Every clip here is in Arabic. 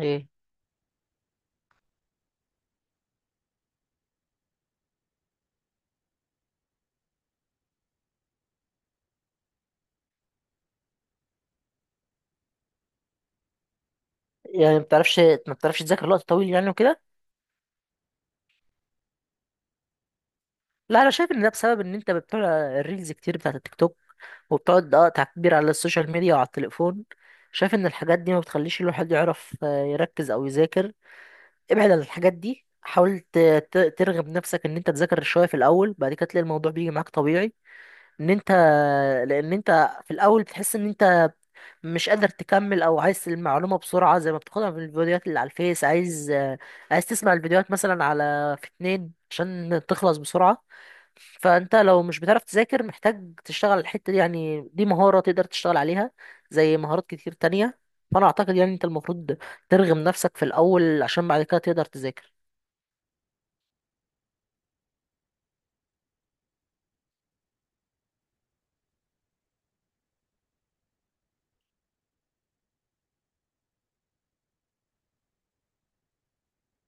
ايه؟ يعني ما بتعرفش تذاكر وقت طويل يعني وكده. لا، انا شايف ان ده بسبب ان انت بتطلع الريلز كتير بتاعت التيك توك، وبتقعد تعبير على السوشيال ميديا وعلى التليفون. شايف ان الحاجات دي ما بتخليش الواحد يعرف يركز او يذاكر. ابعد عن الحاجات دي، حاول ترغب نفسك ان انت تذاكر شويه في الاول، بعد كده تلاقي الموضوع بيجي معاك طبيعي. ان انت لان انت في الاول بتحس ان انت مش قادر تكمل، او عايز المعلومه بسرعه زي ما بتاخدها من الفيديوهات اللي على الفيس. عايز تسمع الفيديوهات مثلا على في اتنين عشان تخلص بسرعه. فانت لو مش بتعرف تذاكر، محتاج تشتغل على الحته دي. يعني دي مهاره تقدر تشتغل عليها زي مهارات كتير تانية. فانا اعتقد يعني انت المفروض ترغم نفسك في الاول، عشان بعد كده تقدر تذاكر.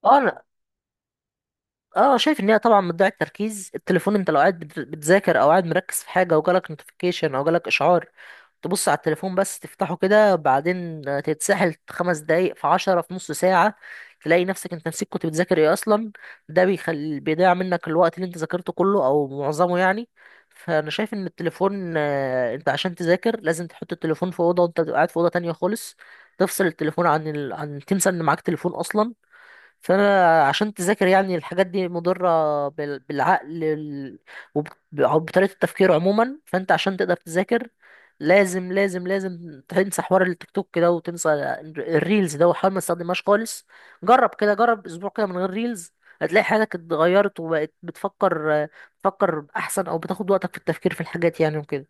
اه انا، اه شايف ان هي طبعا بتضيع التركيز. التليفون، انت لو قاعد بتذاكر او قاعد مركز في حاجه وجالك نوتيفيكيشن او جالك اشعار، تبص على التليفون، بس تفتحه كده بعدين تتسحل خمس دقايق، في عشرة، في نص ساعة. تلاقي نفسك انت نسيت كنت بتذاكر ايه اصلا. ده بيضيع منك الوقت اللي انت ذاكرته كله او معظمه يعني. فانا شايف ان التليفون، انت عشان تذاكر لازم تحط التليفون في اوضه، وانت تبقى قاعد في اوضه تانية خالص. تفصل التليفون عن عن، تنسى ان معاك تليفون اصلا. فانا عشان تذاكر، يعني الحاجات دي مضره بالعقل، وب- او بطريقه التفكير عموما. فانت عشان تقدر تذاكر لازم لازم لازم تنسى حوار التيك توك كده، وتنسى الريلز ده، وحاول ما تستخدمهاش خالص. جرب كده، جرب اسبوع كده من غير ريلز، هتلاقي حياتك اتغيرت، وبقت بتفكر احسن، او بتاخد وقتك في التفكير في الحاجات يعني وكده.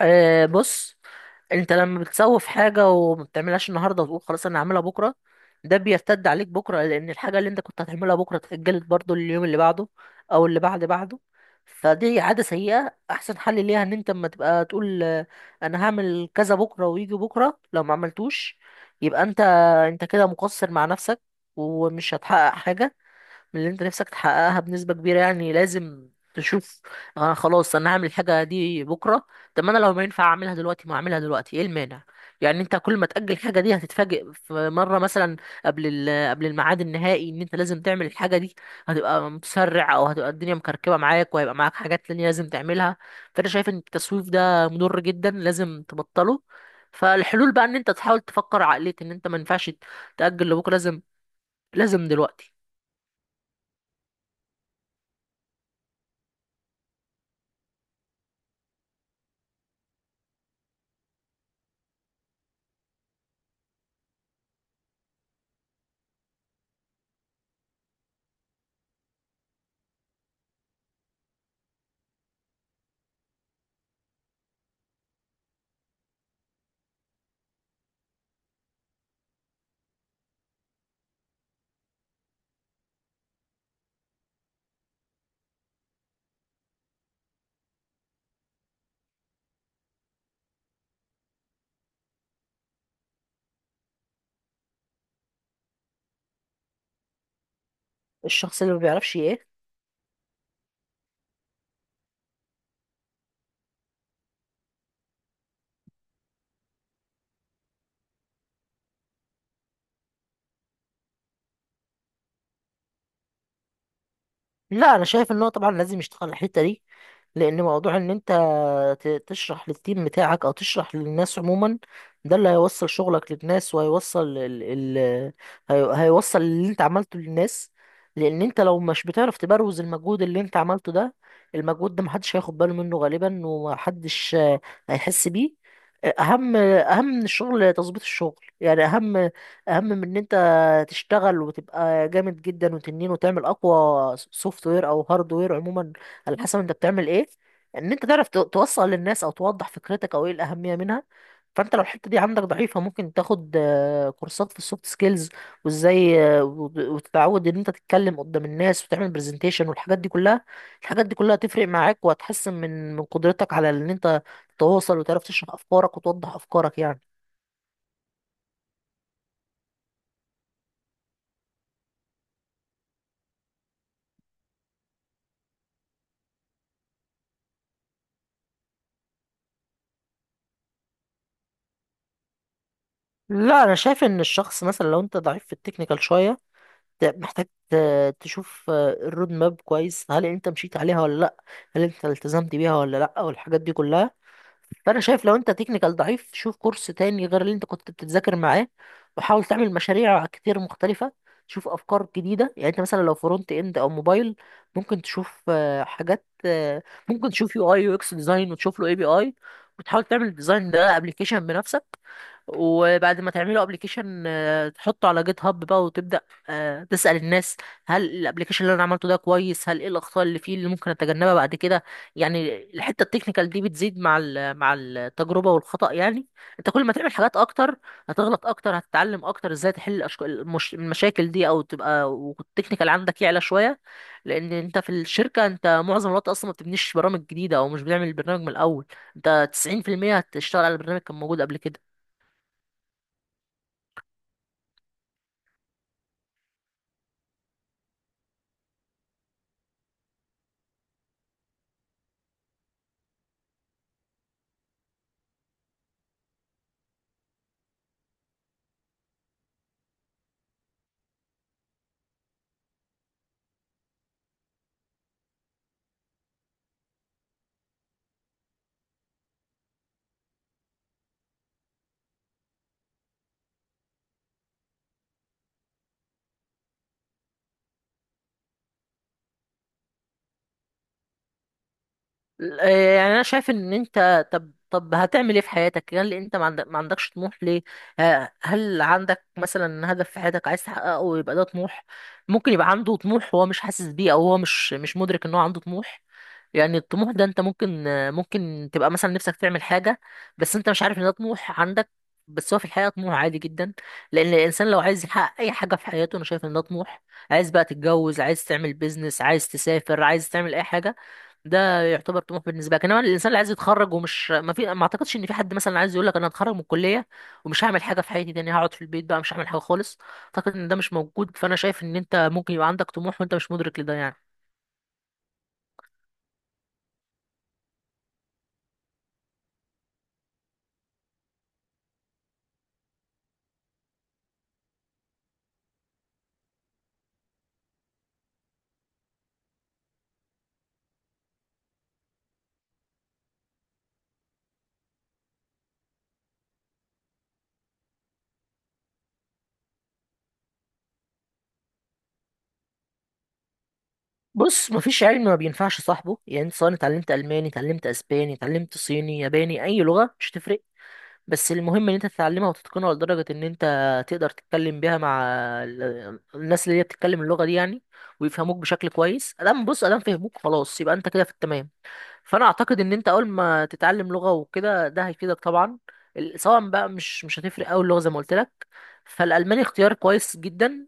أه، بص، انت لما بتسوف حاجه وما بتعملهاش النهارده وتقول خلاص انا هعملها بكره، ده بيرتد عليك بكره، لان الحاجه اللي انت كنت هتعملها بكره اتاجلت برضو لليوم اللي بعده، او اللي بعد بعده. فدي عاده سيئه. احسن حل ليها ان انت، اما تبقى تقول انا هعمل كذا بكره، ويجي بكره لو ما عملتوش، يبقى انت كده مقصر مع نفسك، ومش هتحقق حاجه من اللي انت نفسك تحققها بنسبة كبيرة. يعني لازم تشوف، انا خلاص انا هعمل الحاجة دي بكرة، طب ما انا لو ما ينفع اعملها دلوقتي، ما اعملها دلوقتي، ايه المانع؟ يعني انت كل ما تأجل الحاجة دي، هتتفاجئ في مرة مثلا قبل قبل الميعاد النهائي ان انت لازم تعمل الحاجة دي، هتبقى متسرع، او هتبقى الدنيا مكركبة معاك، وهيبقى معاك حاجات تانية لازم تعملها. فانا شايف ان التسويف ده مضر جدا، لازم تبطله. فالحلول بقى، ان انت تحاول تفكر عقلية ان انت ما ينفعش تأجل لبكرة، لازم لازم دلوقتي. الشخص اللي ما بيعرفش ايه؟ لا، انا شايف ان هو طبعا لازم يشتغل على الحته دي، لان موضوع ان انت تشرح للتيم بتاعك او تشرح للناس عموما، ده اللي هيوصل شغلك للناس، وهيوصل ال... هيوصل اللي انت عملته للناس. لان انت لو مش بتعرف تبروز المجهود اللي انت عملته ده، المجهود ده محدش هياخد باله منه غالبا، ومحدش هيحس بيه. اهم، اهم من الشغل تظبيط الشغل. يعني اهم، اهم من ان انت تشتغل وتبقى جامد جدا وتنين، وتعمل اقوى سوفت وير او هارد وير عموما على حسب انت بتعمل ايه، ان انت تعرف توصل للناس، او توضح فكرتك، او ايه الاهميه منها. فانت لو الحته دي عندك ضعيفه، ممكن تاخد كورسات في السوفت سكيلز، وازاي وتتعود ان انت تتكلم قدام الناس، وتعمل برزنتيشن، والحاجات دي كلها. الحاجات دي كلها هتفرق معاك، وهتحسن من قدرتك على ان انت تتواصل، وتعرف تشرح افكارك، وتوضح افكارك يعني. لا، انا شايف ان الشخص مثلا لو انت ضعيف في التكنيكال شويه، محتاج تشوف الرود ماب كويس. هل انت مشيت عليها ولا لا؟ هل انت التزمت بيها ولا لا؟ والحاجات دي كلها. فانا شايف لو انت تكنيكال ضعيف، شوف كورس تاني غير اللي انت كنت بتذاكر معاه، وحاول تعمل مشاريع كتير مختلفة، شوف افكار جديدة. يعني انت مثلا لو فرونت اند او موبايل، ممكن تشوف آه، حاجات آه، ممكن تشوف يو اي يو اكس ديزاين، وتشوف له اي بي اي، وتحاول تعمل الديزاين ده ابلكيشن بنفسك. وبعد ما تعملوا ابلكيشن، تحطه على جيت هاب بقى، وتبدا تسال الناس، هل الابلكيشن اللي انا عملته ده كويس؟ هل، ايه الاخطاء اللي فيه اللي ممكن اتجنبها بعد كده؟ يعني الحته التكنيكال دي بتزيد مع مع التجربه والخطا. يعني انت كل ما تعمل حاجات اكتر، هتغلط اكتر، هتتعلم اكتر ازاي تحل المشاكل دي، او تبقى والتكنيكال عندك يعلى شويه. لان انت في الشركه، انت معظم الوقت اصلا ما بتبنيش برامج جديده، او مش بنعمل البرنامج من الاول. انت 90% هتشتغل على برنامج كان موجود قبل كده. آه، يعني انا شايف ان انت، طب هتعمل ايه في حياتك؟ هل انت ما عندكش طموح ليه؟ هل عندك مثلا هدف في حياتك عايز تحققه، ويبقى ده طموح؟ ممكن يبقى عنده طموح، هو مش حاسس بيه، او هو مش مدرك ان هو عنده طموح. يعني الطموح ده انت ممكن تبقى مثلا نفسك تعمل حاجة، بس انت مش عارف ان ده طموح عندك، بس هو في الحقيقة طموح عادي جدا. لأن الإنسان لو عايز يحقق أي حاجة في حياته، أنا شايف إن ده طموح. عايز بقى تتجوز، عايز تعمل بيزنس، عايز تسافر، عايز تعمل أي حاجة، ده يعتبر طموح بالنسبه لك. انما الانسان اللي عايز يتخرج ومش، ما اعتقدش ان في حد مثلا عايز يقول لك انا هتخرج من الكليه، ومش هعمل حاجه في حياتي تاني، هقعد في البيت بقى مش هعمل حاجه خالص، اعتقد ان ده مش موجود. فانا شايف ان انت ممكن يبقى عندك طموح، وانت مش مدرك لده يعني. بص، مفيش علم ما بينفعش صاحبه. يعني انت سواء اتعلمت الماني، اتعلمت اسباني، اتعلمت صيني، ياباني، اي لغه مش هتفرق، بس المهم ان انت تتعلمها، وتتقنها لدرجه ان انت تقدر تتكلم بيها مع الناس اللي هي بتتكلم اللغه دي يعني، ويفهموك بشكل كويس. ادام، بص، ادام فهموك، خلاص، يبقى انت كده في التمام. فانا اعتقد ان انت اول ما تتعلم لغه وكده، ده هيفيدك طبعا. سواء بقى، مش هتفرق قوي اللغه زي ما قلت لك. فالالماني اختيار كويس جدا،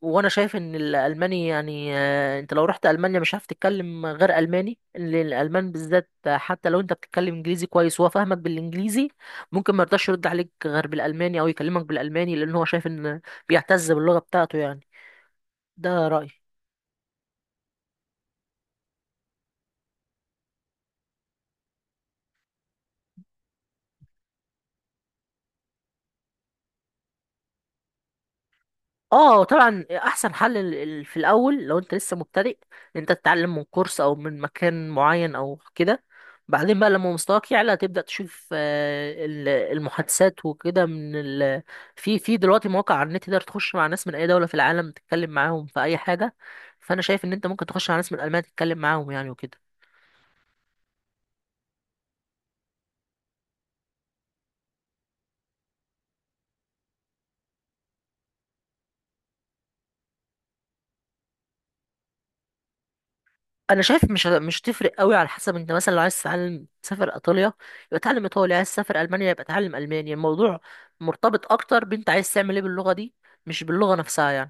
وانا شايف ان الالماني يعني، انت لو رحت المانيا مش هتعرف تتكلم غير الماني. الالمان بالذات، حتى لو انت بتتكلم انجليزي كويس، وهو فاهمك بالانجليزي، ممكن ما يرضاش يرد عليك غير بالالماني، او يكلمك بالالماني، لان هو شايف ان، بيعتز باللغه بتاعته يعني. ده رايي. اه، طبعا احسن حل، في الاول لو انت لسه مبتدئ، ان انت تتعلم من كورس، او من مكان معين او كده. بعدين بقى لما مستواك يعلى، تبدا تشوف المحادثات وكده في دلوقتي مواقع على النت تقدر تخش مع ناس من اي دوله في العالم، تتكلم معاهم في اي حاجه. فانا شايف ان انت ممكن تخش مع ناس من المانيا، تتكلم معاهم يعني وكده. انا شايف مش تفرق قوي، على حسب انت مثلا لو عايز تتعلم، تسافر ايطاليا يبقى اتعلم ايطالي، عايز تسافر المانيا يبقى اتعلم المانيا. الموضوع مرتبط اكتر بانت عايز تعمل ايه باللغه دي، مش باللغه نفسها يعني.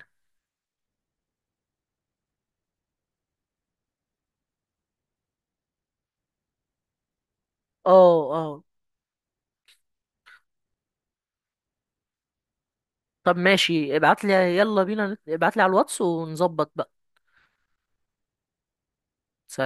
اه، اه. طب ماشي، ابعت لي، يلا بينا، ابعت لي على الواتس ونظبط بقى.